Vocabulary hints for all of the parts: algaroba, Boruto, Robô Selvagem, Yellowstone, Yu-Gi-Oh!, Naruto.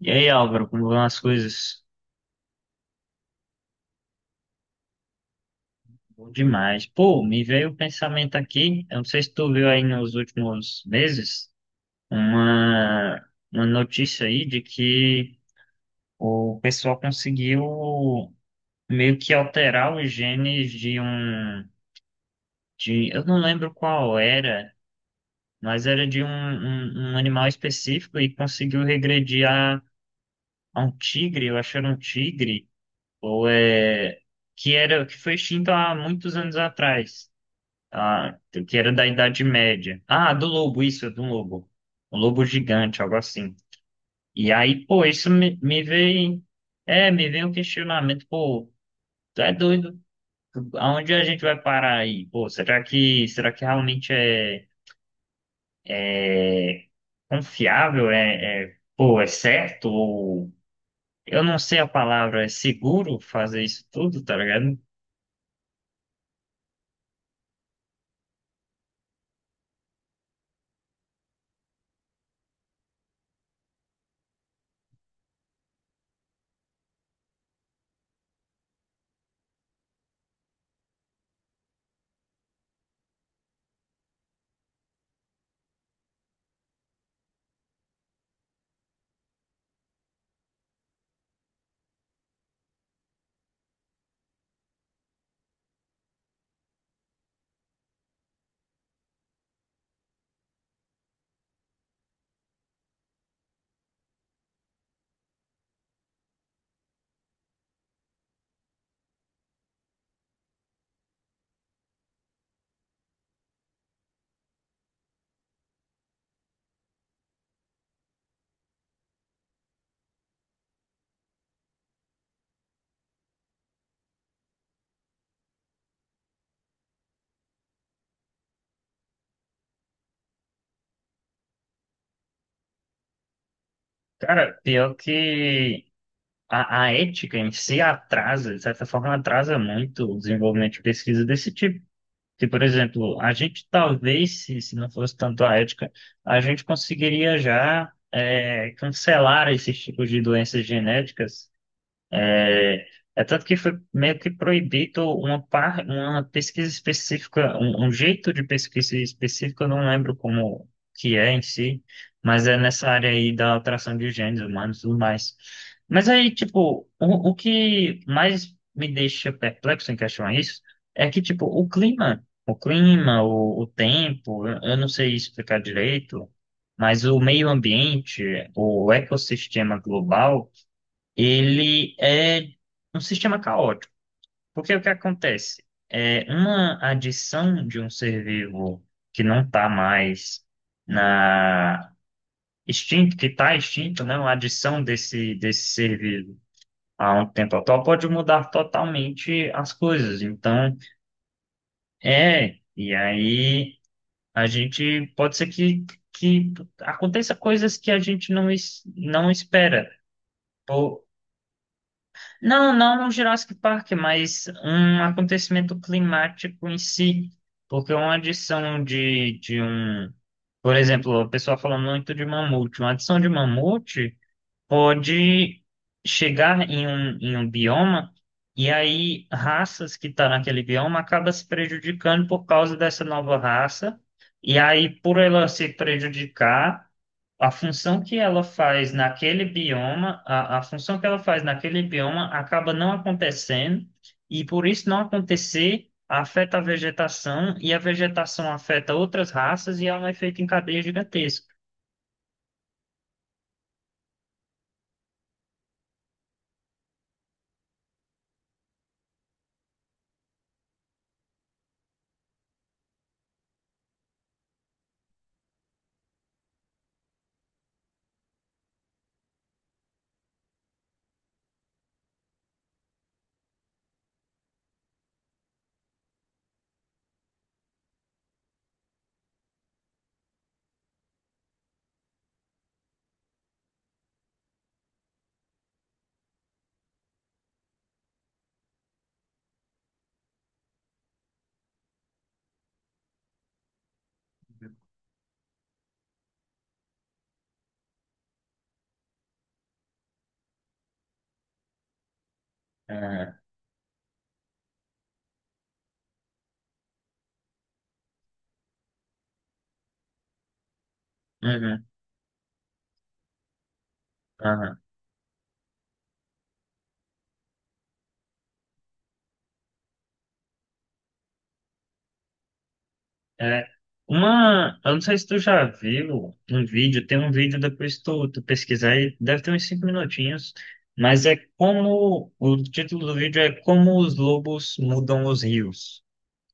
E aí, Álvaro, como vão as coisas? Bom demais. Pô, me veio o pensamento aqui, eu não sei se tu viu aí nos últimos meses, uma, uma notícia aí de que o pessoal conseguiu meio que alterar os genes de eu não lembro qual era, mas era de um animal específico e conseguiu regredir a um tigre, eu acho que era um tigre, ou é, que era, que foi extinto há muitos anos atrás. Ah, que era da Idade Média. Ah, do lobo, isso, do lobo. Um lobo gigante, algo assim. E aí, pô, isso me veio. É, me veio um questionamento, pô, tu é doido? Aonde a gente vai parar aí? Pô, será que realmente é, é confiável? É, pô, é certo? Ou, eu não sei a palavra, é seguro fazer isso tudo, tá ligado? Cara, pior que. A ética em si atrasa, de certa forma, atrasa muito o desenvolvimento de pesquisa desse tipo. Que, por exemplo, a gente talvez, se não fosse tanto a ética, a gente conseguiria já cancelar esses tipos de doenças genéticas, é, é tanto que foi meio que proibido uma pesquisa específica, um jeito de pesquisa específica, eu não lembro como que é em si, mas é nessa área aí da alteração de genes humanos e tudo mais. Mas aí, tipo, o que mais me deixa perplexo em questão a isso é que, tipo, o clima, o tempo, eu não sei explicar direito, mas o meio ambiente, o ecossistema global, ele é um sistema caótico. Porque o que acontece? É uma adição de um ser vivo que não está mais na extinto, que está extinto, né? Uma adição desse ser vivo a um tempo atual pode mudar totalmente as coisas. Então, e aí a gente pode ser que aconteça coisas que a gente não espera. Não, não no Jurassic Park, mas um acontecimento climático em si, porque uma adição de um, por exemplo, o pessoal fala muito de mamute, uma adição de mamute pode chegar um bioma, e aí raças que estão naquele bioma acabam se prejudicando por causa dessa nova raça, e aí por ela se prejudicar a função que ela faz naquele bioma, a função que ela faz naquele bioma acaba não acontecendo, e por isso não acontecer, afeta a vegetação, e a vegetação afeta outras raças, e ela é um efeito em cadeia gigantesco. É, uhum, aham. É, eu não sei se tu já viu um vídeo, tem um vídeo depois tu pesquisar aí, deve ter uns 5 minutinhos, mas é como, o título do vídeo é Como os Lobos Mudam os Rios.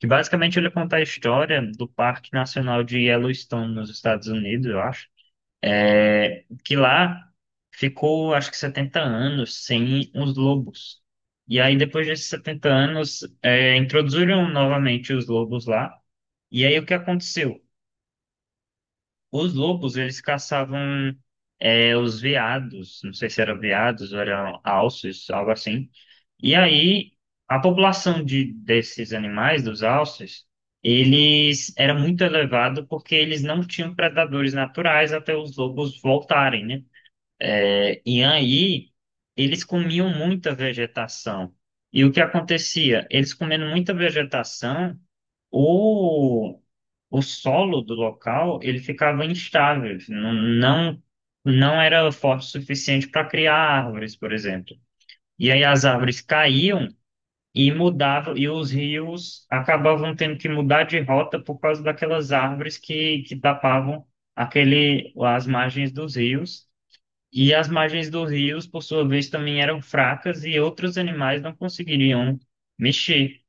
Que basicamente ele conta a história do Parque Nacional de Yellowstone nos Estados Unidos, eu acho. É, que lá ficou, acho que 70 anos sem os lobos. E aí, depois desses 70 anos, introduziram novamente os lobos lá. E aí, o que aconteceu? Os lobos, eles caçavam, os veados, não sei se eram veados ou eram alces, algo assim. E aí, a população desses animais, dos alces, eles era muito elevado porque eles não tinham predadores naturais até os lobos voltarem, né? É, e aí, eles comiam muita vegetação. E o que acontecia? Eles comendo muita vegetação, o, o solo do local ele ficava instável, assim, não, não era forte o suficiente para criar árvores, por exemplo. E aí as árvores caíam e mudavam, e os rios acabavam tendo que mudar de rota por causa daquelas árvores que tapavam as margens dos rios. E as margens dos rios, por sua vez, também eram fracas e outros animais não conseguiriam mexer.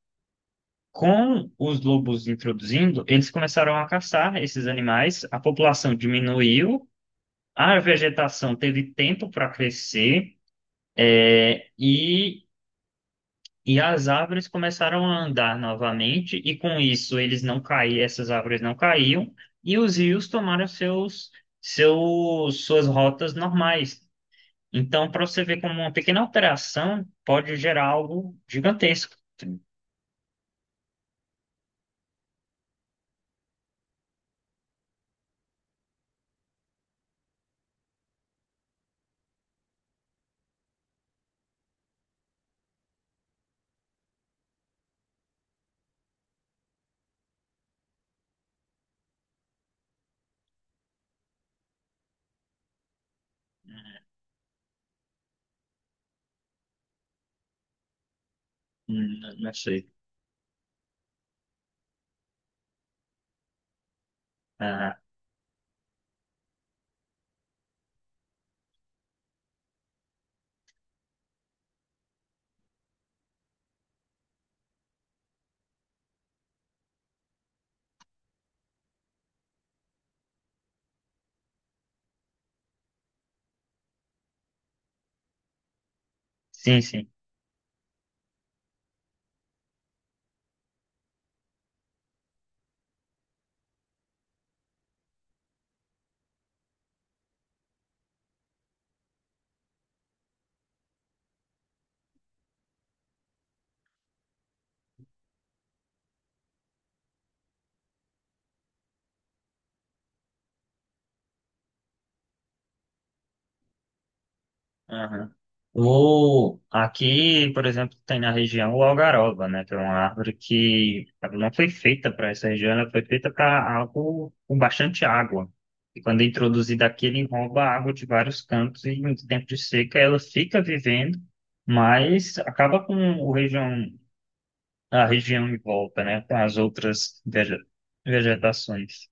Com os lobos introduzindo, eles começaram a caçar esses animais, a população diminuiu, a vegetação teve tempo para crescer, é, e, e as árvores começaram a andar novamente, e com isso eles não caíam, essas árvores não caíam, e os rios tomaram suas rotas normais. Então, para você ver como uma pequena alteração pode gerar algo gigantesco. Não sei. Ah, sim, sim. Aham. Aqui, por exemplo, tem na região o algaroba, né? Que é uma árvore que ela não foi feita para essa região, ela foi feita para algo com bastante água. E quando é introduzida aqui, ele rouba a água de vários cantos e em tempo de seca ela fica vivendo, mas acaba com o região, a região em volta, né? Com as outras vegetações.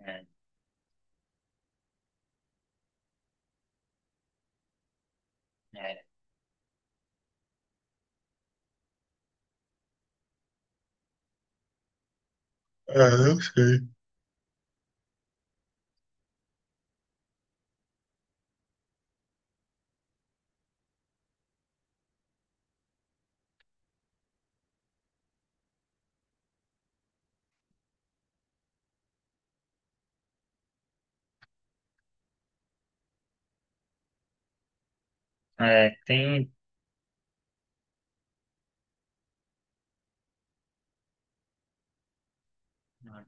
É, é. É, eu sei. É, tem.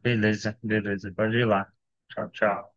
Beleza, beleza. Pode ir lá. Tchau, tchau.